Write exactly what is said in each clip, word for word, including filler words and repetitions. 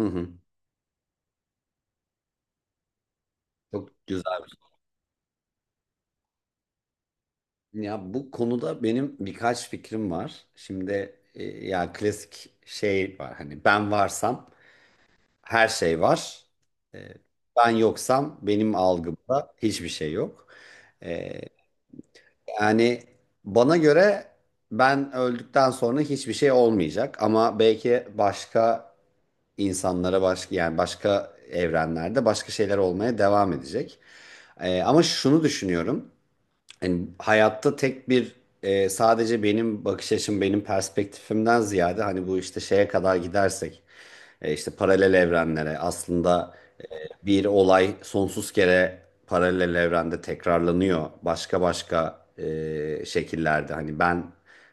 Hı hı. Çok güzel bir soru. Ya bu konuda benim birkaç fikrim var. Şimdi e, ya klasik şey var, hani ben varsam her şey var. E, Ben yoksam benim algımda hiçbir şey yok. E, Yani bana göre ben öldükten sonra hiçbir şey olmayacak, ama belki başka insanlara, başka, yani başka evrenlerde başka şeyler olmaya devam edecek. E, ama şunu düşünüyorum: hani hayatta tek bir e, sadece benim bakış açım, benim perspektifimden ziyade, hani bu işte şeye kadar gidersek, e, işte paralel evrenlere, aslında bir olay sonsuz kere paralel evrende tekrarlanıyor. Başka başka e, şekillerde. Hani ben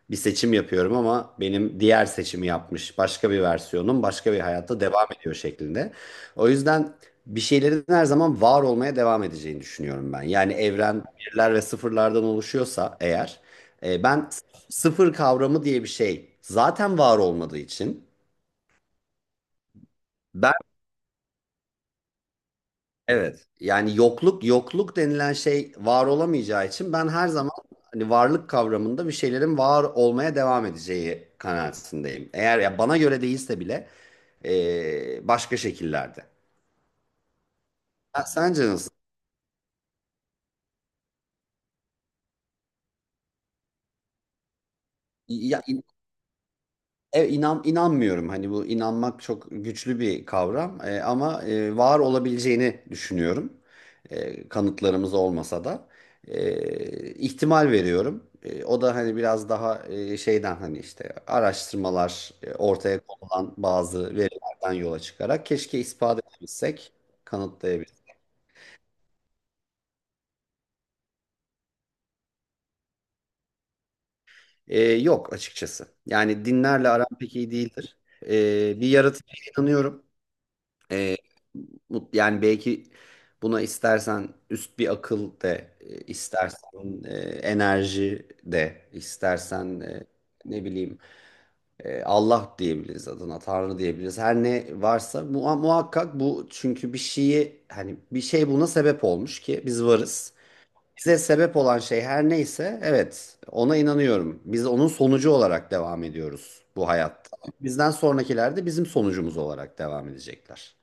bir seçim yapıyorum ama benim diğer seçimi yapmış başka bir versiyonum başka bir hayatta devam ediyor şeklinde. O yüzden bir şeylerin her zaman var olmaya devam edeceğini düşünüyorum ben. Yani evren birler ve sıfırlardan oluşuyorsa eğer, e, ben sıfır kavramı diye bir şey zaten var olmadığı için, ben. Evet. Yani yokluk, yokluk denilen şey var olamayacağı için ben her zaman hani varlık kavramında bir şeylerin var olmaya devam edeceği kanaatindeyim. Eğer ya bana göre değilse bile eee, başka şekillerde. Ha, sence nasıl? Ya, E, inan inanmıyorum. Hani bu inanmak çok güçlü bir kavram. E, ama e, var olabileceğini düşünüyorum. E, kanıtlarımız olmasa da E, ihtimal veriyorum. E, o da hani biraz daha e, şeyden, hani işte araştırmalar, e, ortaya konulan bazı verilerden yola çıkarak keşke ispat edebilsek, kanıtlayabilsek. E, yok açıkçası. Yani dinlerle aram pek iyi değildir. E, bir yaratıcıya inanıyorum. Ee, mut- Yani belki buna istersen üst bir akıl de, e, istersen e, enerji de, istersen e, ne bileyim, e, Allah diyebiliriz adına, Tanrı diyebiliriz. Her ne varsa mua- muhakkak bu, çünkü bir şeyi, hani bir şey buna sebep olmuş ki biz varız. Bize sebep olan şey her neyse, evet, ona inanıyorum. Biz onun sonucu olarak devam ediyoruz bu hayatta. Bizden sonrakiler de bizim sonucumuz olarak devam edecekler.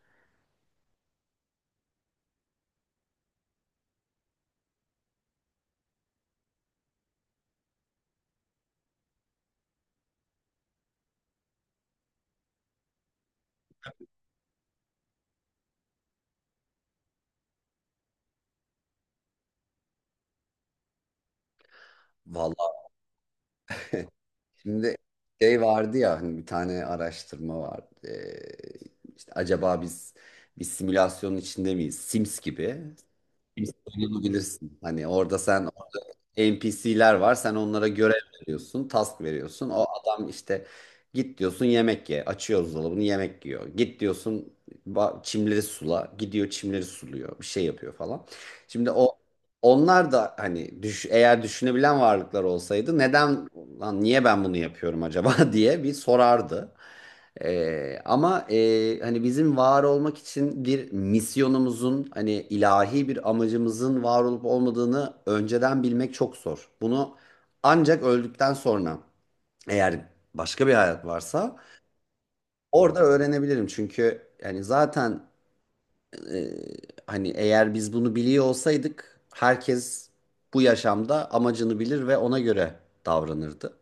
Vallahi. Şimdi şey vardı ya, hani bir tane araştırma vardı. Ee, işte acaba biz bir simülasyonun içinde miyiz? Sims gibi. Sims oynayabilirsin. Hani orada sen, N P C'ler var. Sen onlara görev veriyorsun, task veriyorsun. O adam işte git diyorsun yemek ye. Açıyor buzdolabını, yemek yiyor. Git diyorsun ba- çimleri sula. Gidiyor çimleri suluyor. Bir şey yapıyor falan. Şimdi o Onlar da hani düş, eğer düşünebilen varlıklar olsaydı, neden, lan niye ben bunu yapıyorum acaba diye bir sorardı. Ee, ama e, hani bizim var olmak için bir misyonumuzun, hani ilahi bir amacımızın var olup olmadığını önceden bilmek çok zor. Bunu ancak öldükten sonra, eğer başka bir hayat varsa, orada öğrenebilirim. Çünkü yani zaten e, hani eğer biz bunu biliyor olsaydık, herkes bu yaşamda amacını bilir ve ona göre davranırdı.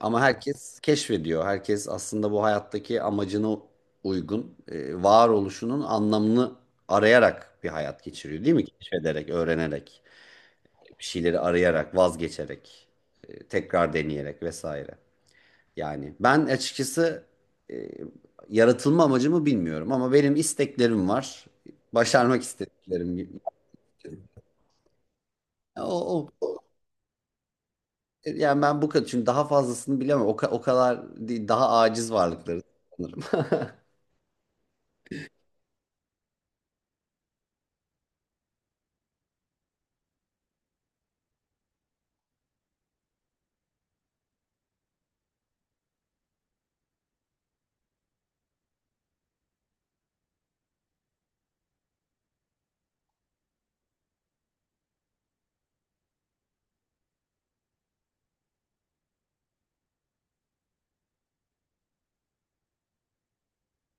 Ama herkes keşfediyor. Herkes aslında bu hayattaki amacına uygun, e, varoluşunun anlamını arayarak bir hayat geçiriyor, değil mi? Keşfederek, öğrenerek, bir şeyleri arayarak, vazgeçerek, e, tekrar deneyerek vesaire. Yani ben açıkçası e, yaratılma amacımı bilmiyorum, ama benim isteklerim var. Başarmak istediklerim. O, o- o- Yani ben bu kadar, çünkü daha fazlasını bilemem. O, ka- o kadar değil, daha aciz varlıkları sanırım.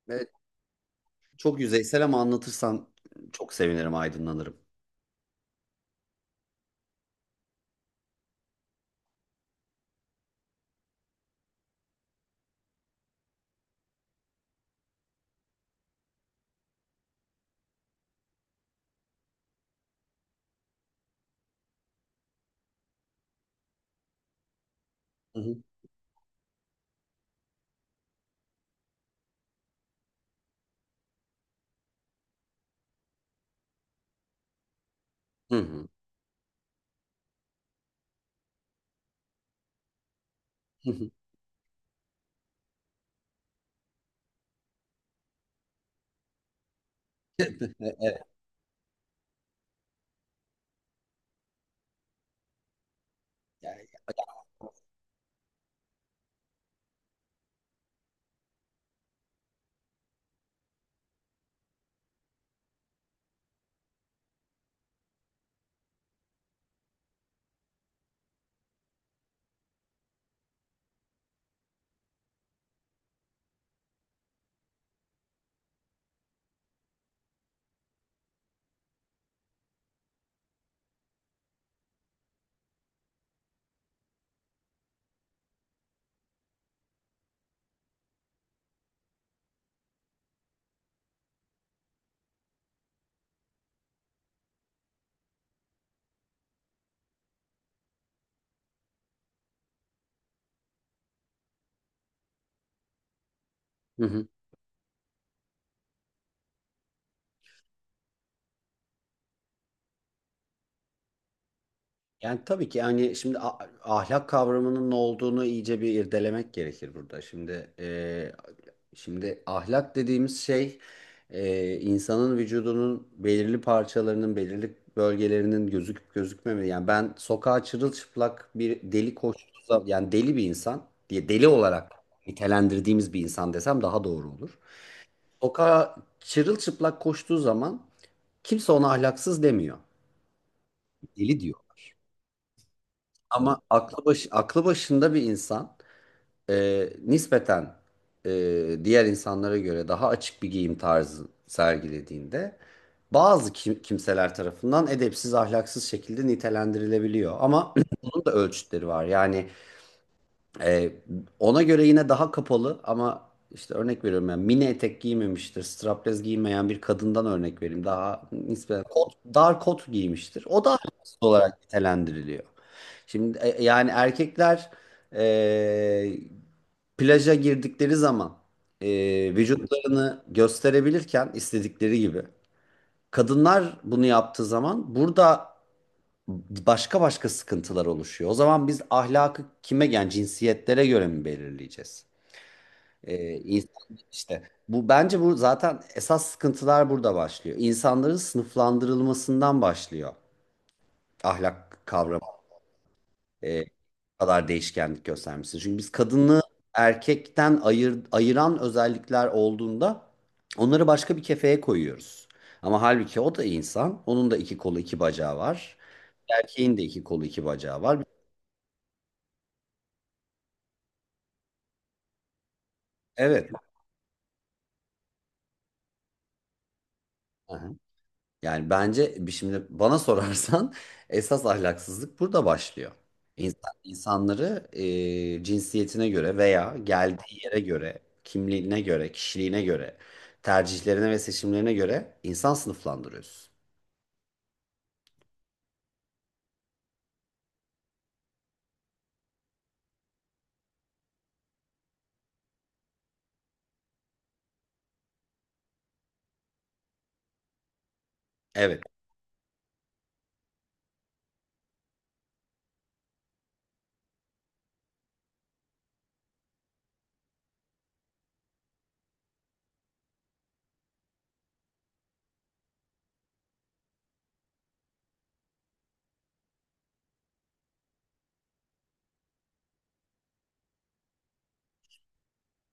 Çok yüzeysel ama anlatırsan çok sevinirim, aydınlanırım. Hı hı. Hı hı. Hı hı. Evet. Yani, hı hı. Yani tabii ki, yani şimdi a- ahlak kavramının ne olduğunu iyice bir irdelemek gerekir burada. Şimdi e, şimdi ahlak dediğimiz şey, e, insanın vücudunun belirli parçalarının, belirli bölgelerinin gözüküp gözükmemesi. Yani ben sokağa çırılçıplak bir deli koştuğu zaman, yani deli bir insan diye, deli olarak nitelendirdiğimiz bir insan desem daha doğru olur. Sokağa çırılçıplak koştuğu zaman kimse ona ahlaksız demiyor. Deli diyorlar. Ama aklı, baş, aklı başında bir insan e, nispeten e, diğer insanlara göre daha açık bir giyim tarzı sergilediğinde bazı kim- kimseler tarafından edepsiz, ahlaksız şekilde nitelendirilebiliyor. Ama bunun da ölçütleri var. Yani Ee, ona göre yine daha kapalı, ama işte örnek veriyorum, yani mini etek giymemiştir. Strapless giymeyen bir kadından örnek vereyim. Daha nispeten kot, dar kot giymiştir. O da artist olarak nitelendiriliyor. Şimdi e, yani erkekler e, plaja girdikleri zaman e, vücutlarını gösterebilirken istedikleri gibi. Kadınlar bunu yaptığı zaman burada başka başka sıkıntılar oluşuyor. O zaman biz ahlakı kime, yani cinsiyetlere göre mi belirleyeceğiz? Ee, insan işte, bu bence, bu zaten esas sıkıntılar burada başlıyor. İnsanların sınıflandırılmasından başlıyor. Ahlak kavramı e, bu kadar değişkenlik göstermesi. Çünkü biz kadını erkekten ayır, ayıran özellikler olduğunda onları başka bir kefeye koyuyoruz. Ama halbuki o da insan. Onun da iki kolu, iki bacağı var. Erkeğin de iki kolu, iki bacağı var. Evet. Yani bence bir- şimdi bana sorarsan esas ahlaksızlık burada başlıyor. İnsan, insanları e, cinsiyetine göre veya geldiği yere göre, kimliğine göre, kişiliğine göre, tercihlerine ve seçimlerine göre insan sınıflandırıyorsun. Evet,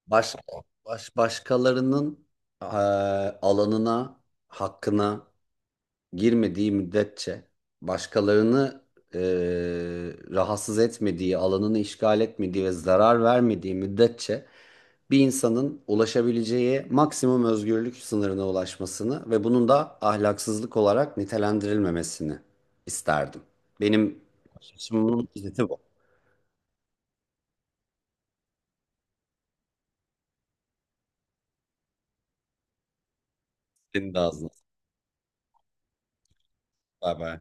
baş, baş başkalarının e, alanına, hakkına girmediği müddetçe, başkalarını e, rahatsız etmediği, alanını işgal etmediği ve zarar vermediği müddetçe, bir insanın ulaşabileceği maksimum özgürlük sınırına ulaşmasını ve bunun da ahlaksızlık olarak nitelendirilmemesini isterdim. Benim açımın özeti bu. Senin de ağzına. Bay bay.